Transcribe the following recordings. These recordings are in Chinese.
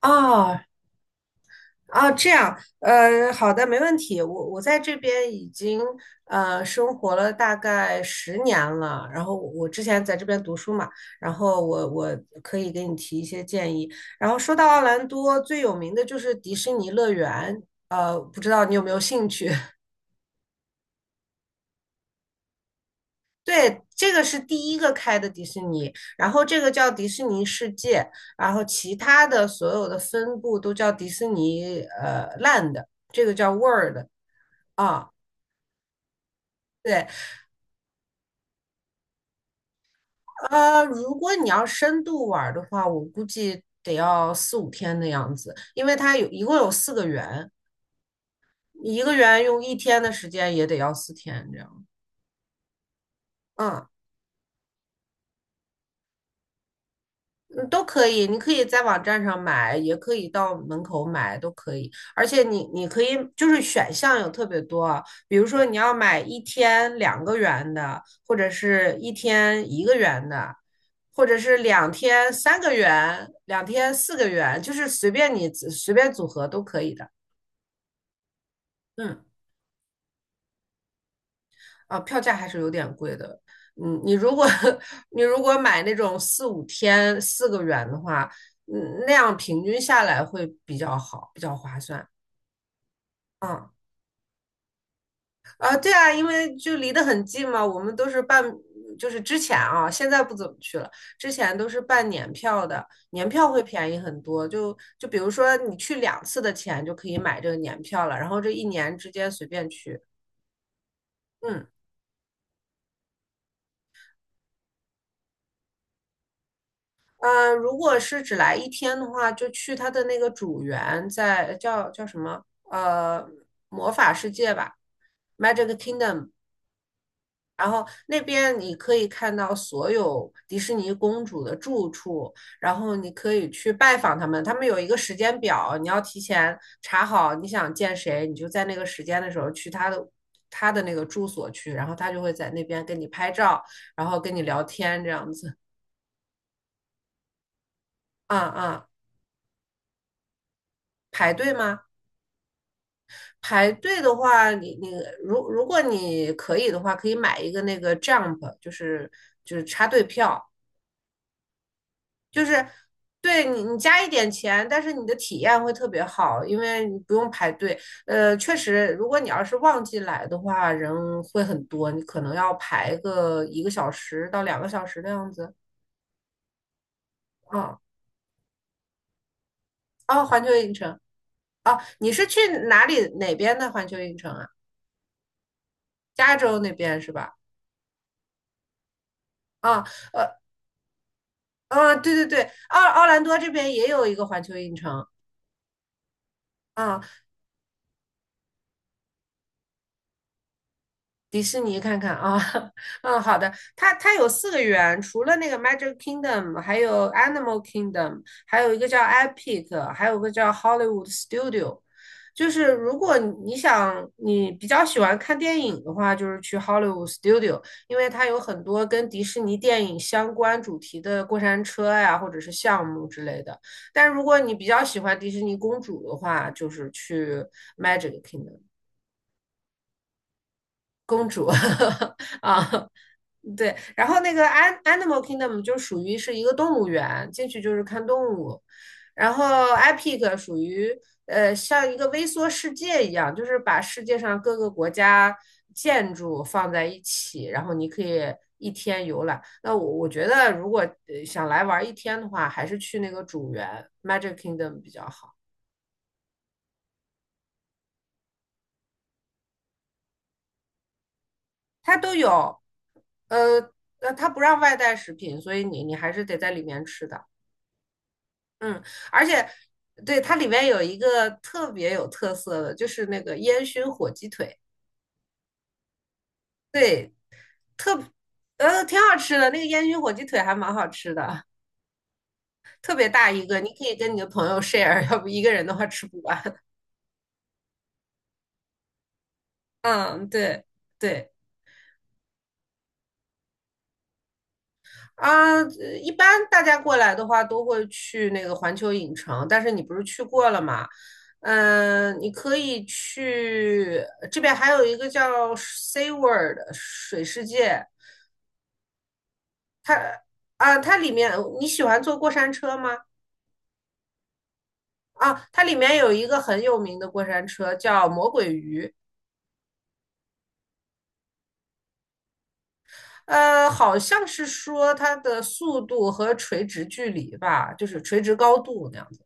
哦哦，这样，好的，没问题。我在这边已经生活了大概10年了，然后我之前在这边读书嘛，然后我可以给你提一些建议。然后说到奥兰多最有名的就是迪士尼乐园，不知道你有没有兴趣？对，这个是第一个开的迪士尼，然后这个叫迪士尼世界，然后其他的所有的分部都叫迪士尼Land，这个叫 World。啊，对，如果你要深度玩儿的话，我估计得要四五天的样子，因为它有一共有四个园，一个园用一天的时间也得要4天这样。嗯，嗯，都可以，你可以在网站上买，也可以到门口买，都可以。而且你可以就是选项有特别多啊，比如说你要买一天两个元的，或者是一天一个元的，或者是两天三个元，两天四个元，就是随便你随便组合都可以的。嗯。啊，票价还是有点贵的。嗯，你如果 你如果买那种四五天四个元的话，嗯，那样平均下来会比较好，比较划算。嗯，啊，对啊，因为就离得很近嘛，我们都是办，就是之前啊，现在不怎么去了，之前都是办年票的，年票会便宜很多。就比如说你去2次的钱就可以买这个年票了，然后这一年之间随便去。嗯。如果是只来一天的话，就去他的那个主园在，叫什么？呃，魔法世界吧，Magic Kingdom。然后那边你可以看到所有迪士尼公主的住处，然后你可以去拜访他们。他们有一个时间表，你要提前查好你想见谁，你就在那个时间的时候去他的那个住所去，然后他就会在那边跟你拍照，然后跟你聊天这样子。嗯嗯，排队吗？排队的话，你如果你可以的话，可以买一个那个 Jump，就是插队票，就是对你加一点钱，但是你的体验会特别好，因为你不用排队。确实，如果你要是旺季来的话，人会很多，你可能要排个1个小时到两个小时的样子。啊啊，环球影城啊，你是去哪边的环球影城啊？加州那边是吧？啊、呃。啊，对对对，奥兰多这边也有一个环球影城啊，迪士尼看看啊，嗯，好的，它有四个园，除了那个 Magic Kingdom，还有 Animal Kingdom，还有一个叫 Epic，还有个叫 Hollywood Studio。就是如果你比较喜欢看电影的话，就是去 Hollywood Studio，因为它有很多跟迪士尼电影相关主题的过山车呀，或者是项目之类的。但如果你比较喜欢迪士尼公主的话，就是去 Magic Kingdom 公主 啊。对，然后那个 Animal Kingdom 就属于是一个动物园，进去就是看动物，然后 Epic 属于像一个微缩世界一样，就是把世界上各个国家建筑放在一起，然后你可以一天游览。那我觉得如果想来玩一天的话，还是去那个主园 Magic Kingdom 比较好。它都有，呃它不让外带食品，所以你还是得在里面吃的。嗯，而且对它里面有一个特别有特色的，就是那个烟熏火鸡腿。对，特挺好吃的，那个烟熏火鸡腿还蛮好吃的，特别大一个，你可以跟你的朋友 share，要不一个人的话吃不完。嗯，对对啊，一般大家过来的话都会去那个环球影城，但是你不是去过了吗？嗯，你可以去这边还有一个叫 Sea World 水世界。啊，它里面你喜欢坐过山车吗？啊，它里面有一个很有名的过山车叫魔鬼鱼。好像是说它的速度和垂直距离吧，就是垂直高度那样子。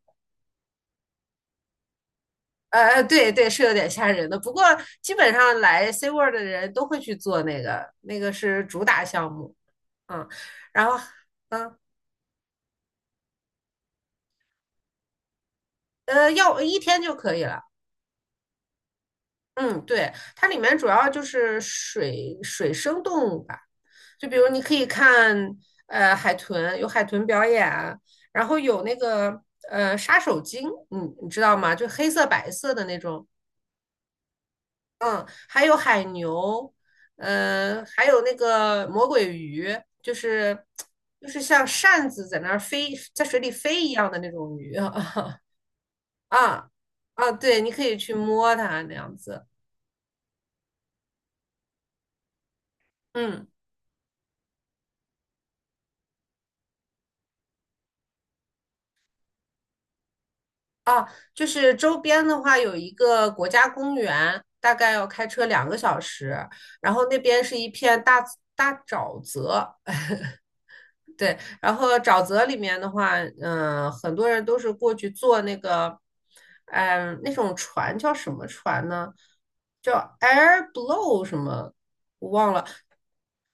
对对，是有点吓人的。不过基本上来 C w o r l d 的人都会去做那个，那个是主打项目。嗯，然后嗯要一天就可以了。嗯，对，它里面主要就是水生动物吧，就比如你可以看海豚，有海豚表演，然后有那个杀手鲸，你知道吗？就黑色白色的那种，还有海牛，还有那个魔鬼鱼，就是像扇子在那儿飞，在水里飞一样的那种鱼 啊啊，对，你可以去摸它那样子，嗯。啊，就是周边的话有一个国家公园，大概要开车两个小时，然后那边是一片大沼泽。对，然后沼泽里面的话，很多人都是过去坐那个，那种船叫什么船呢？叫 Air Blow 什么，我忘了。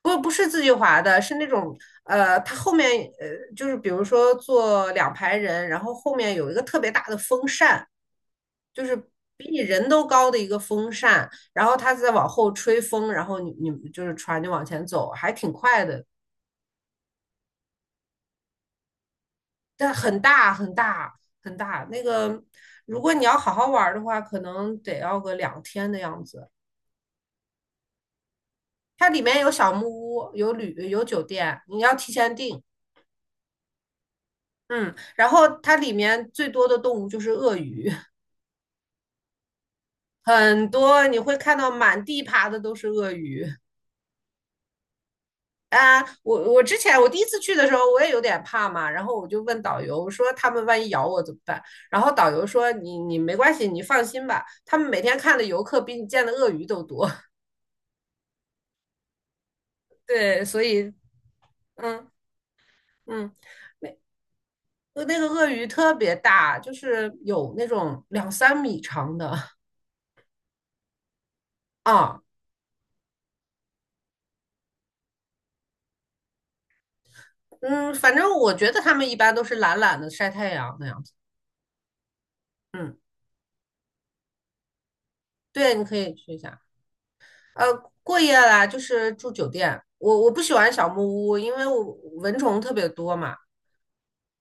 不，不是自己划的，是那种它后面呃，就是比如说坐两排人，然后后面有一个特别大的风扇，就是比你人都高的一个风扇，然后它再往后吹风，然后你就是船就往前走，还挺快的。但很大很大很大。那个如果你要好好玩儿的话，可能得要个两天的样子。它里面有小木屋，有酒店，你要提前订。嗯，然后它里面最多的动物就是鳄鱼，很多你会看到满地爬的都是鳄鱼。啊，我之前我第一次去的时候，我也有点怕嘛，然后我就问导游，我说他们万一咬我怎么办？然后导游说你没关系，你放心吧，他们每天看的游客比你见的鳄鱼都多。对，所以嗯嗯，那个鳄鱼特别大，就是有那种2、3米长的 啊，嗯，反正我觉得他们一般都是懒懒的晒太阳那样子。嗯，对，你可以去一下。呃，过夜啦，就是住酒店。我不喜欢小木屋，因为我蚊虫特别多嘛。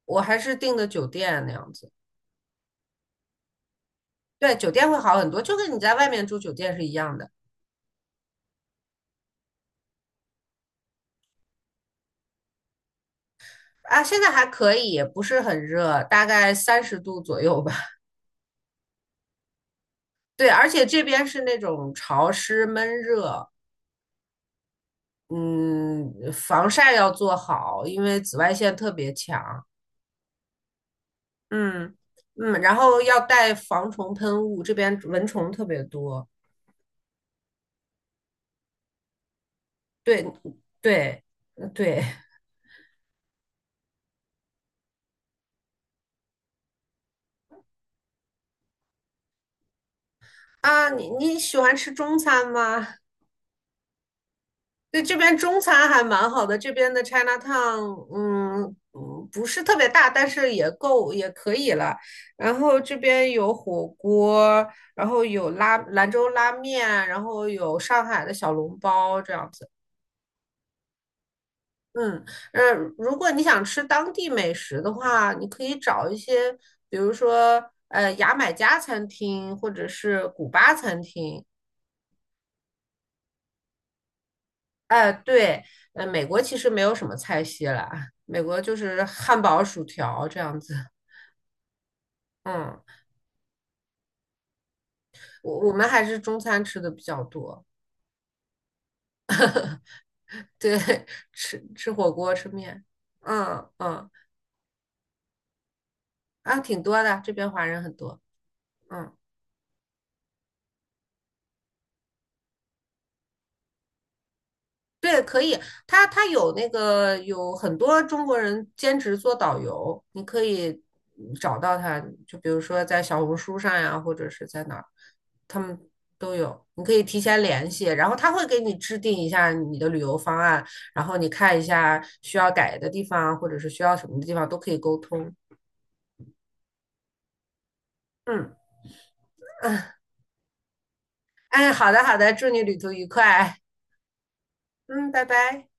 我还是订的酒店那样子。对，酒店会好很多，就跟你在外面住酒店是一样的。啊，现在还可以，也不是很热，大概30度左右吧。对，而且这边是那种潮湿闷热。嗯，防晒要做好，因为紫外线特别强。嗯嗯，然后要带防虫喷雾，这边蚊虫特别多。对对。对，啊，你喜欢吃中餐吗？对，这边中餐还蛮好的，这边的 Chinatown，嗯嗯，不是特别大，但是也可以了。然后这边有火锅，然后有兰州拉面，然后有上海的小笼包这样子。嗯，如果你想吃当地美食的话，你可以找一些，比如说牙买加餐厅或者是古巴餐厅。哎，对，美国其实没有什么菜系啦，美国就是汉堡、薯条这样子。嗯，我们还是中餐吃的比较多，对，吃吃火锅、吃面，嗯嗯，啊，挺多的，这边华人很多。嗯。对，可以，他有那个有很多中国人兼职做导游，你可以找到他，就比如说在小红书上呀，或者是在哪儿，他们都有，你可以提前联系，然后他会给你制定一下你的旅游方案，然后你看一下需要改的地方，或者是需要什么的地方都可以沟通。嗯，哎，好的好的，祝你旅途愉快。嗯，拜拜。